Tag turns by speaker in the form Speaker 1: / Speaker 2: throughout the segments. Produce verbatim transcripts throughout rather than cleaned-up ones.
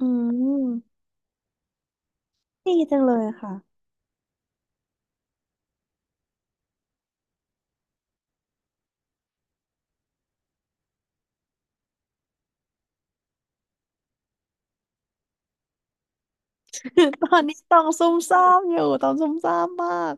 Speaker 1: อืมดีจังเลยค่ะ ตอนนี้ต้องซุ่มซ่ามอยู่ต้องซุ่มซ่ามมาก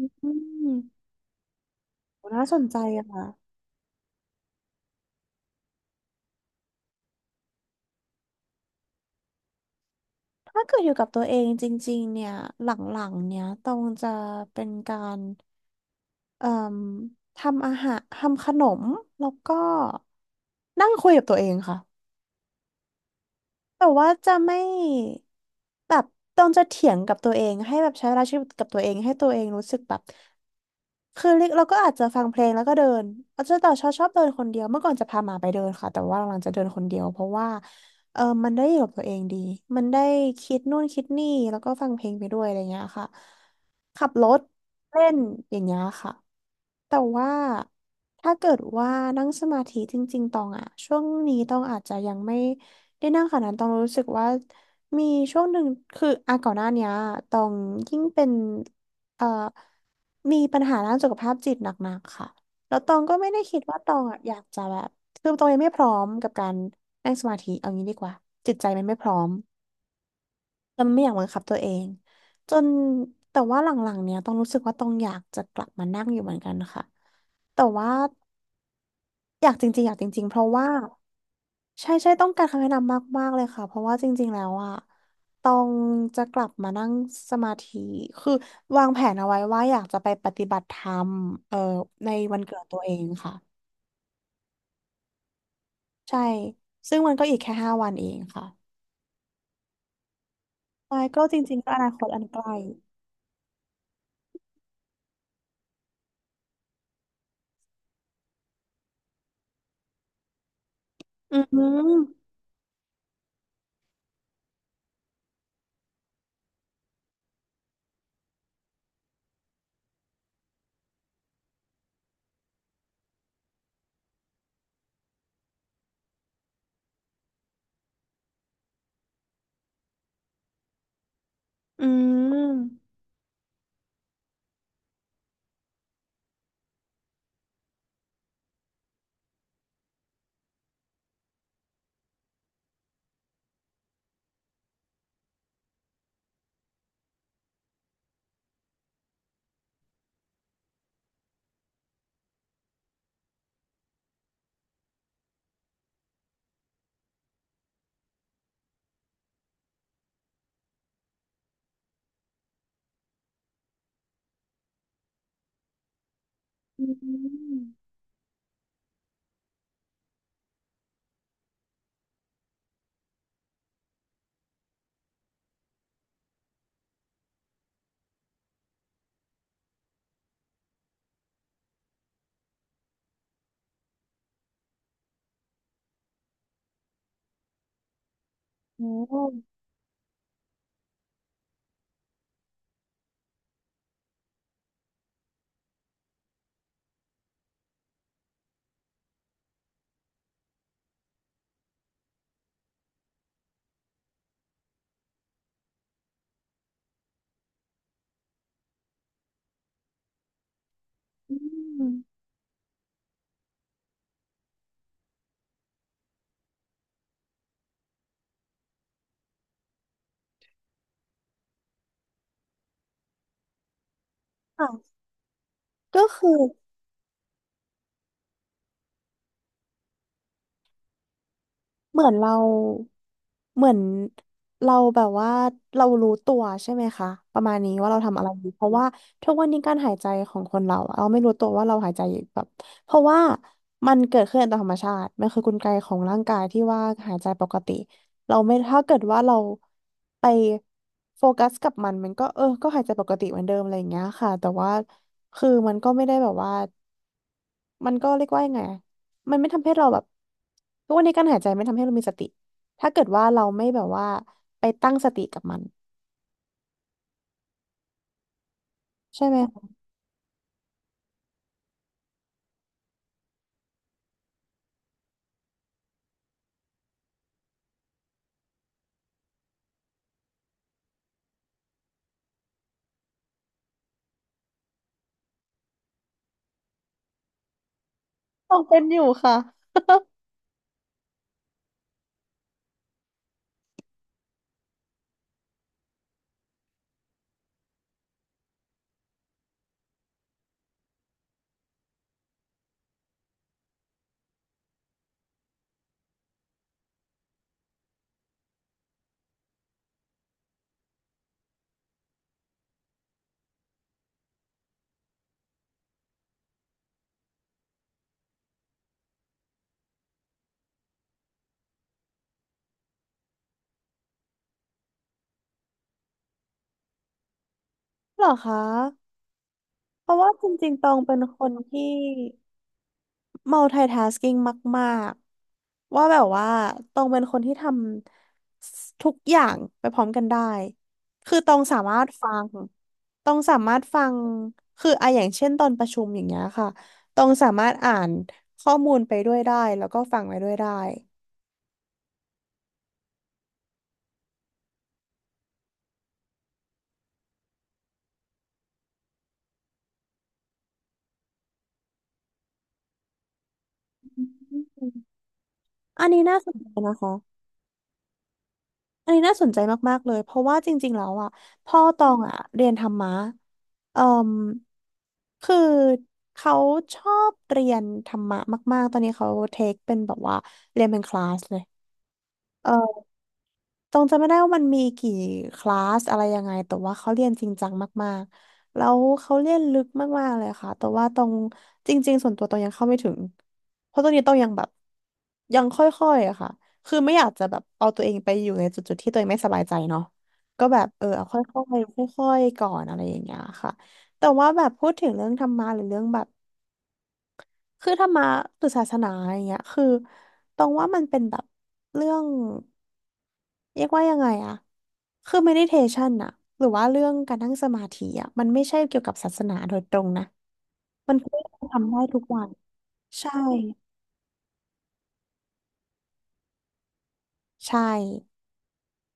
Speaker 1: อืมโหน่าสนใจอะค่ะถ้าเกิดอยู่กับตัวเองจริงๆเนี่ยหลังๆเนี่ยตองจะเป็นการเอ่มทำอาหารทำขนมแล้วก็นั่งคุยกับตัวเองค่ะ แต่ว่าจะไม่แบบต้องจะเถียงกับตัวเองให้แบบใช้เวลาชีวิตกับตัวเองให้ตัวเองรู้สึกแบบคือเล็กเราก็อาจจะฟังเพลงแล้วก็เดินอาจจะแต่ชอบชอบเดินคนเดียวเมื่อก่อนจะพาหมาไปเดินค่ะแต่ว่าหลังๆจะเดินคนเดียวเพราะว่าเออมันได้อยู่กับตัวเองดีมันได้คิดนู่นคิดนี่แล้วก็ฟังเพลงไปด้วยอะไรเงี้ยค่ะขับรถเล่นอย่างเงี้ยค่ะแต่ว่าถ้าเกิดว่านั่งสมาธิจริงๆตองอะช่วงนี้ตองอาจจะยังไม่ ได้นั่งขนาดนั้นต้องรู้สึกว่ามีช่วงหนึ่งคืออ่ะก่อนหน้าเนี้ยต้องยิ่งเป็นเอ่อมีปัญหาด้านสุขภาพจิตหนักๆค่ะแล้วตองก็ไม่ได้คิดว่าตองอ่ะอยากจะแบบคือตองยังไม่พร้อมกับการนั่งสมาธิเอางี้ดีกว่าจิตใจมันไม่พร้อมแล้วมันไม่อยากบังคับตัวเองจนแต่ว่าหลังๆเนี้ยต้องรู้สึกว่าต้องอยากจะกลับมานั่งอยู่เหมือนกันค่ะแต่ว่าอยากจริงๆอยากจริงๆเพราะว่า ใช่ใช่ต้องการคำแนะนำมากๆเลยค่ะเพราะว่าจริงๆแล้วอ่ะต้องจะกลับมานั่งสมาธิคือวางแผนเอาไว้ว่าอยากจะไปปฏิบัติธรรมเอ่อในวันเกิดตัวเองค่ะใช่ซึ่งมันก็อีกแค่ห้าวันเองค่ะใช่ก็จริงๆก็อนาคตอันใกล้อืมอืมอืมโอ้อืมค่ะก็คือ เหมือนเราเหมือนเราแบบว่าเรารู้ตัวใช่ไหมคะประมาณนี้ว่าเราทำอะไรอยู่เพราะว่าทุกวันนี้การหายใจของคนเราอะเราไม่รู้ตัวว่าเราหายใจอยู่แบบเพราะว่ามันเกิดขึ้นตามธรรมชาติมันคือกลไกของร่างกายที่ว่าหายใจปกติเราไม่ถ้าเกิดว่าเราไปโฟกัสกับมันมันก็เออก็หายใจปกติเหมือนเดิมอะไรอย่างเงี้ยค่ะแต่ว่าคือมันก็ไม่ได้แบบว่า มันก็เรียกว่ายังไงอะมันไม่ทำให้เราแบบทุกวันนี้การหายใจไม่ทำให้เรามีสติ ถ้าเกิดว่าเราไม่แบบว่าไปตั้งสติกับมันใช่ไหมตองเป็นอยู่ค่ะเหรอคะเพราะว่าจริงๆตองเป็นคนที่ มัลติทาสกิ้ง มากๆว่าแบบว่าตองเป็นคนที่ทำทุกอย่างไปพร้อมกันได้คือตองสามารถฟังตองสามารถฟังคืออะอย่างเช่นตอนประชุมอย่างเงี้ยค่ะตองสามารถอ่านข้อมูลไปด้วยได้แล้วก็ฟังไปด้วยได้อมอันนี้น่าสนใจนะคะ อันนี้น่าสนใจมากๆเลยเพราะว่าจริงๆ แล้วอ่ะพ่อตองอ่ะเรียนธรรมะเอ่อคือเขาชอบเรียนธรรมะมากๆตอนนี้เขาเทคเป็นแบบว่าเอ่อ ตรงจำไม่ได้ว่ามันมีกี่คลาสอะไรยังไงแต่ว่าเขาเรียนจริงจังมากๆแล้วเขาเรียนลึกมากๆเลยค่ะแต่ว่าตรงจริงๆส่วนตัวตรงยังเข้าไม่ถึงเพราะตรงนี้ต้องยังแบบยังค่อยๆอะค่ะคือไม่อยากจะแบบเอาตัวเองไปอยู่ในจุดๆที่ตัวเองไม่สบายใจเนาะก็แบบเออเอาค่อยๆค่อยๆก่อนอะไรอย่างเงี้ยค่ะแต่ว่าแบบพูดถึงเรื่องธรรมะหรือเรื่องแบบ คือธรรมะหรือศาสนาอย่างเงี้ยคือตรงว่ามันเป็นแบบเรื่องเรียกว่ายังไงอะคือ meditation อะหรือว่าเรื่องการนั่งสมาธิอะมันไม่ใช่เกี่ยวกับศาสนาโดยตรงนะมันคือทำได้ทุกวันใช่ใช่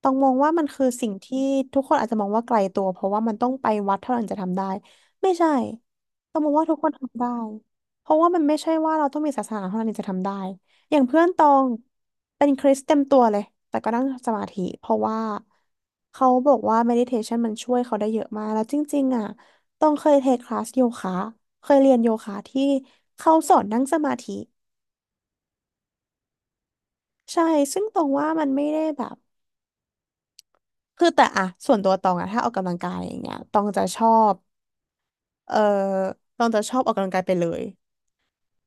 Speaker 1: ต้องมองว่ามันคือสิ่งที่ทุกคนอาจจะมองว่าไกลตัวเพราะว่ามันต้องไปวัดเท่านั้นจะทำได้ไม่ใช่ต้องมองว่าทุกคนทำได้เพราะว่ามันไม่ใช่ว่าเราต้องมีศาสนาเท่านั้นถึงจะทำได้อย่างเพื่อนตองเป็นคริสเต็มตัวเลยแต่ก็นั่งสมาธิเพราะว่าเขาบอกว่า meditation มันช่วยเขาได้เยอะมากแล้วจริงๆอ่ะต้องเคยเทคคลาสโยคะเคยเรียนโยคะที่เขาสอนนั่งสมาธิใช่ซึ่งตรงว่ามันไม่ได้แบบ คือแต่อะส่วนตัวตองอะถ้าออกกำลังกายอย่างเงี้ยตองจะชอบเออตองจะชอบออกกำลังกายไปเลย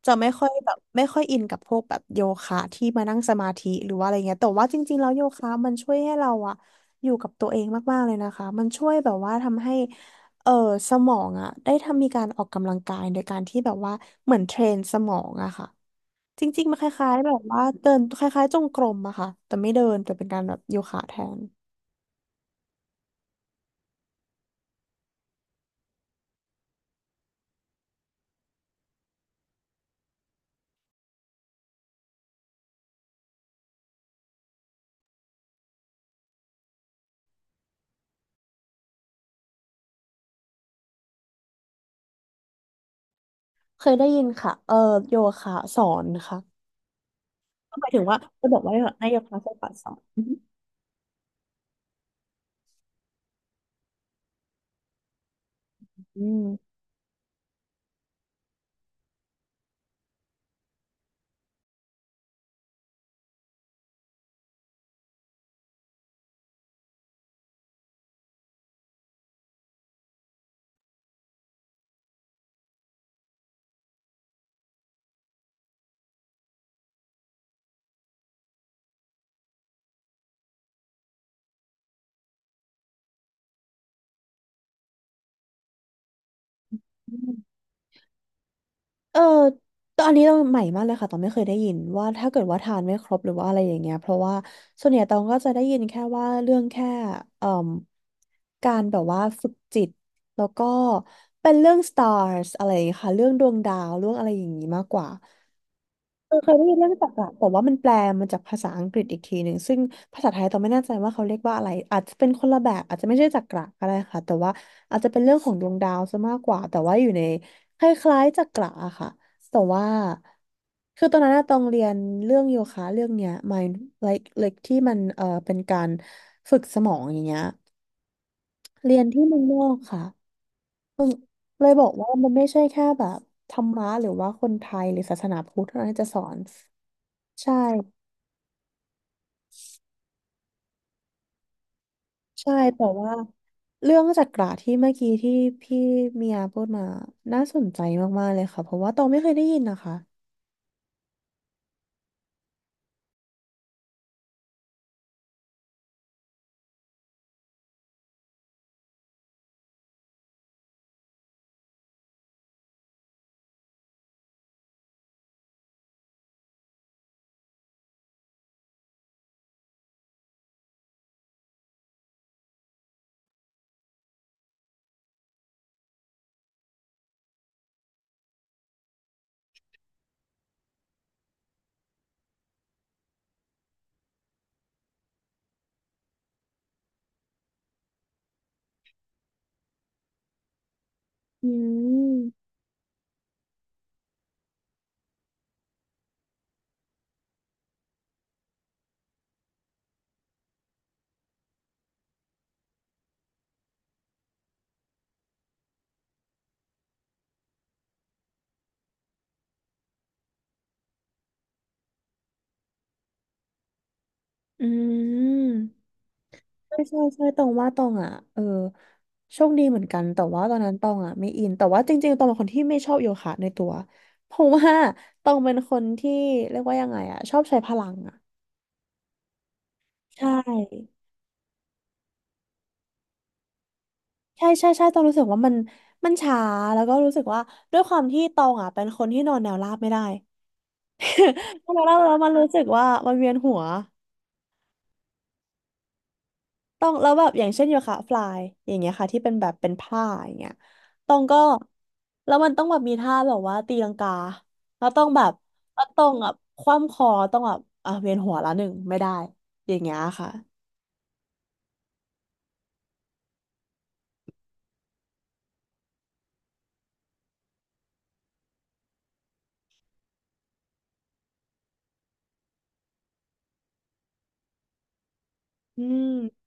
Speaker 1: จะไม่ค่อยแบบไม่ค่อยอินกับพวกแบบโยคะที่มานั่งสมาธิหรือว่าอะไรเงี้ยแต่ว่าจริงๆแล้วโยคะมันช่วยให้เราอะอยู่กับตัวเองมากๆเลยนะคะมันช่วยแบบว่าทำให้เออสมองอะได้ทำมีการออกกำลังกายโดยการที่แบบว่าเหมือนเทรนสมองอะค่ะจริงๆมันคล้ายๆแบบว่าเดินคล้ายๆจงกรมอะค่ะแต่ไม่เดินแต่เป็นการแบบโยคะแทน เคยได้ยินค่ะเอ่อโยคะสอนค่ะก็หมายถึงว่าจะบอกว่าให้โยคะโซบะสอนอือมอืมเออตอนนนี้เราใหม่มากเลยค่ะ ตองไม่เคยได้ยินว่าถ้าเกิดว่าทานไม่ครบหรือว่าอะไรอย่างเงี้ยเพราะว่าส่วนใหญ่ตองก็จะได้ยินแค่ว่าเรื่องแค่เอ่มการแบบว่าฝึกจิตแล้วก็เป็นเรื่อง stars อะไรอย่างเงี้ยค่ะเรื่องดวงดาวเรื่องอะไรอย่างงี้มากกว่า เออเคยได้ยินเรื่องจักระแต่ว่ามันแปลมาจากภาษาอังกฤษอีกทีหนึ่งซึ่งภาษาไทยตอนไม่แน่ใจว่าเขาเรียกว่าอะไรอาจจะเป็นคนละแบบอาจจะไม่ใช่จักระก็ได้ค่ะแต่ว่าอาจจะเป็นเรื่องของดวงดาวซะมากกว่าแต่ว่าอยู่ในคล้ายๆจักระอะค่ะแต่ว่าคือตอนนั้นอะต้องเรียนเรื่องโยคะเรื่องเนี้ย mind like like ที่มันเออเป็นการฝึกสมองอย่างเงี้ยเรียนที่เมืองนอกค่ะเลยบอกว่ามันไม่ใช่แค่แบบธรรมะหรือว่าคนไทยหรือศาสนาพุทธเท่านั้นที่จะสอนใช่ ใช่ แต่ว่าเรื่องจักระที่เมื่อกี้ที่พี่เมียพูดมาน่าสนใจมากๆเลยค่ะเพราะว่าตองไม่เคยได้ยินนะคะอืมอืมใช่ใช่ใช่ตองว่าตองอ่ะเออโชคดีเหมือนกันแต่ว่าตอนนั้นตองอ่ะไม่อินแต่ว่าจริงๆตองเป็นคนที่ไม่ชอบโยคะในตัวเพราะว่าตองเป็นคนที่เรียกว่ายังไงอ่ะชอบใช้พลังอ่ะใช่ใช่ใช่ใช่ตองรู้สึกว่ามันมันช้าแล้วก็รู้สึกว่าด้วยความที่ตองอ่ะเป็นคนที่นอนแนวราบไม่ได้ แล้วเราแล้วมันรู้สึกว่ามันเวียนหัวต้องแล้วแบบอย่างเช่นโยคะฟลายอย่างเงี้ยค่ะที่เป็นแบบเป็นผ้าอย่างเงี้ยต้องก็แล้วมันต้องแบบมีท่าแบบว่าตีลังกาแล้วต้องแบบแล้วาต้องแบบคว่ำคอต้องแบบอ่ะเวียนหัวละหนึ่งไม่ได้อย่างเงี้ยค่ะอืม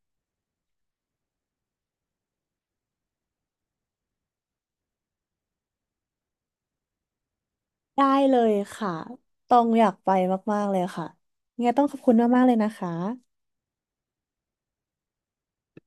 Speaker 1: ได้เลยค่ะต้องอยากไปมากๆเลยค่ะยังไงต้องขอบคุณมากๆเลยนะคะ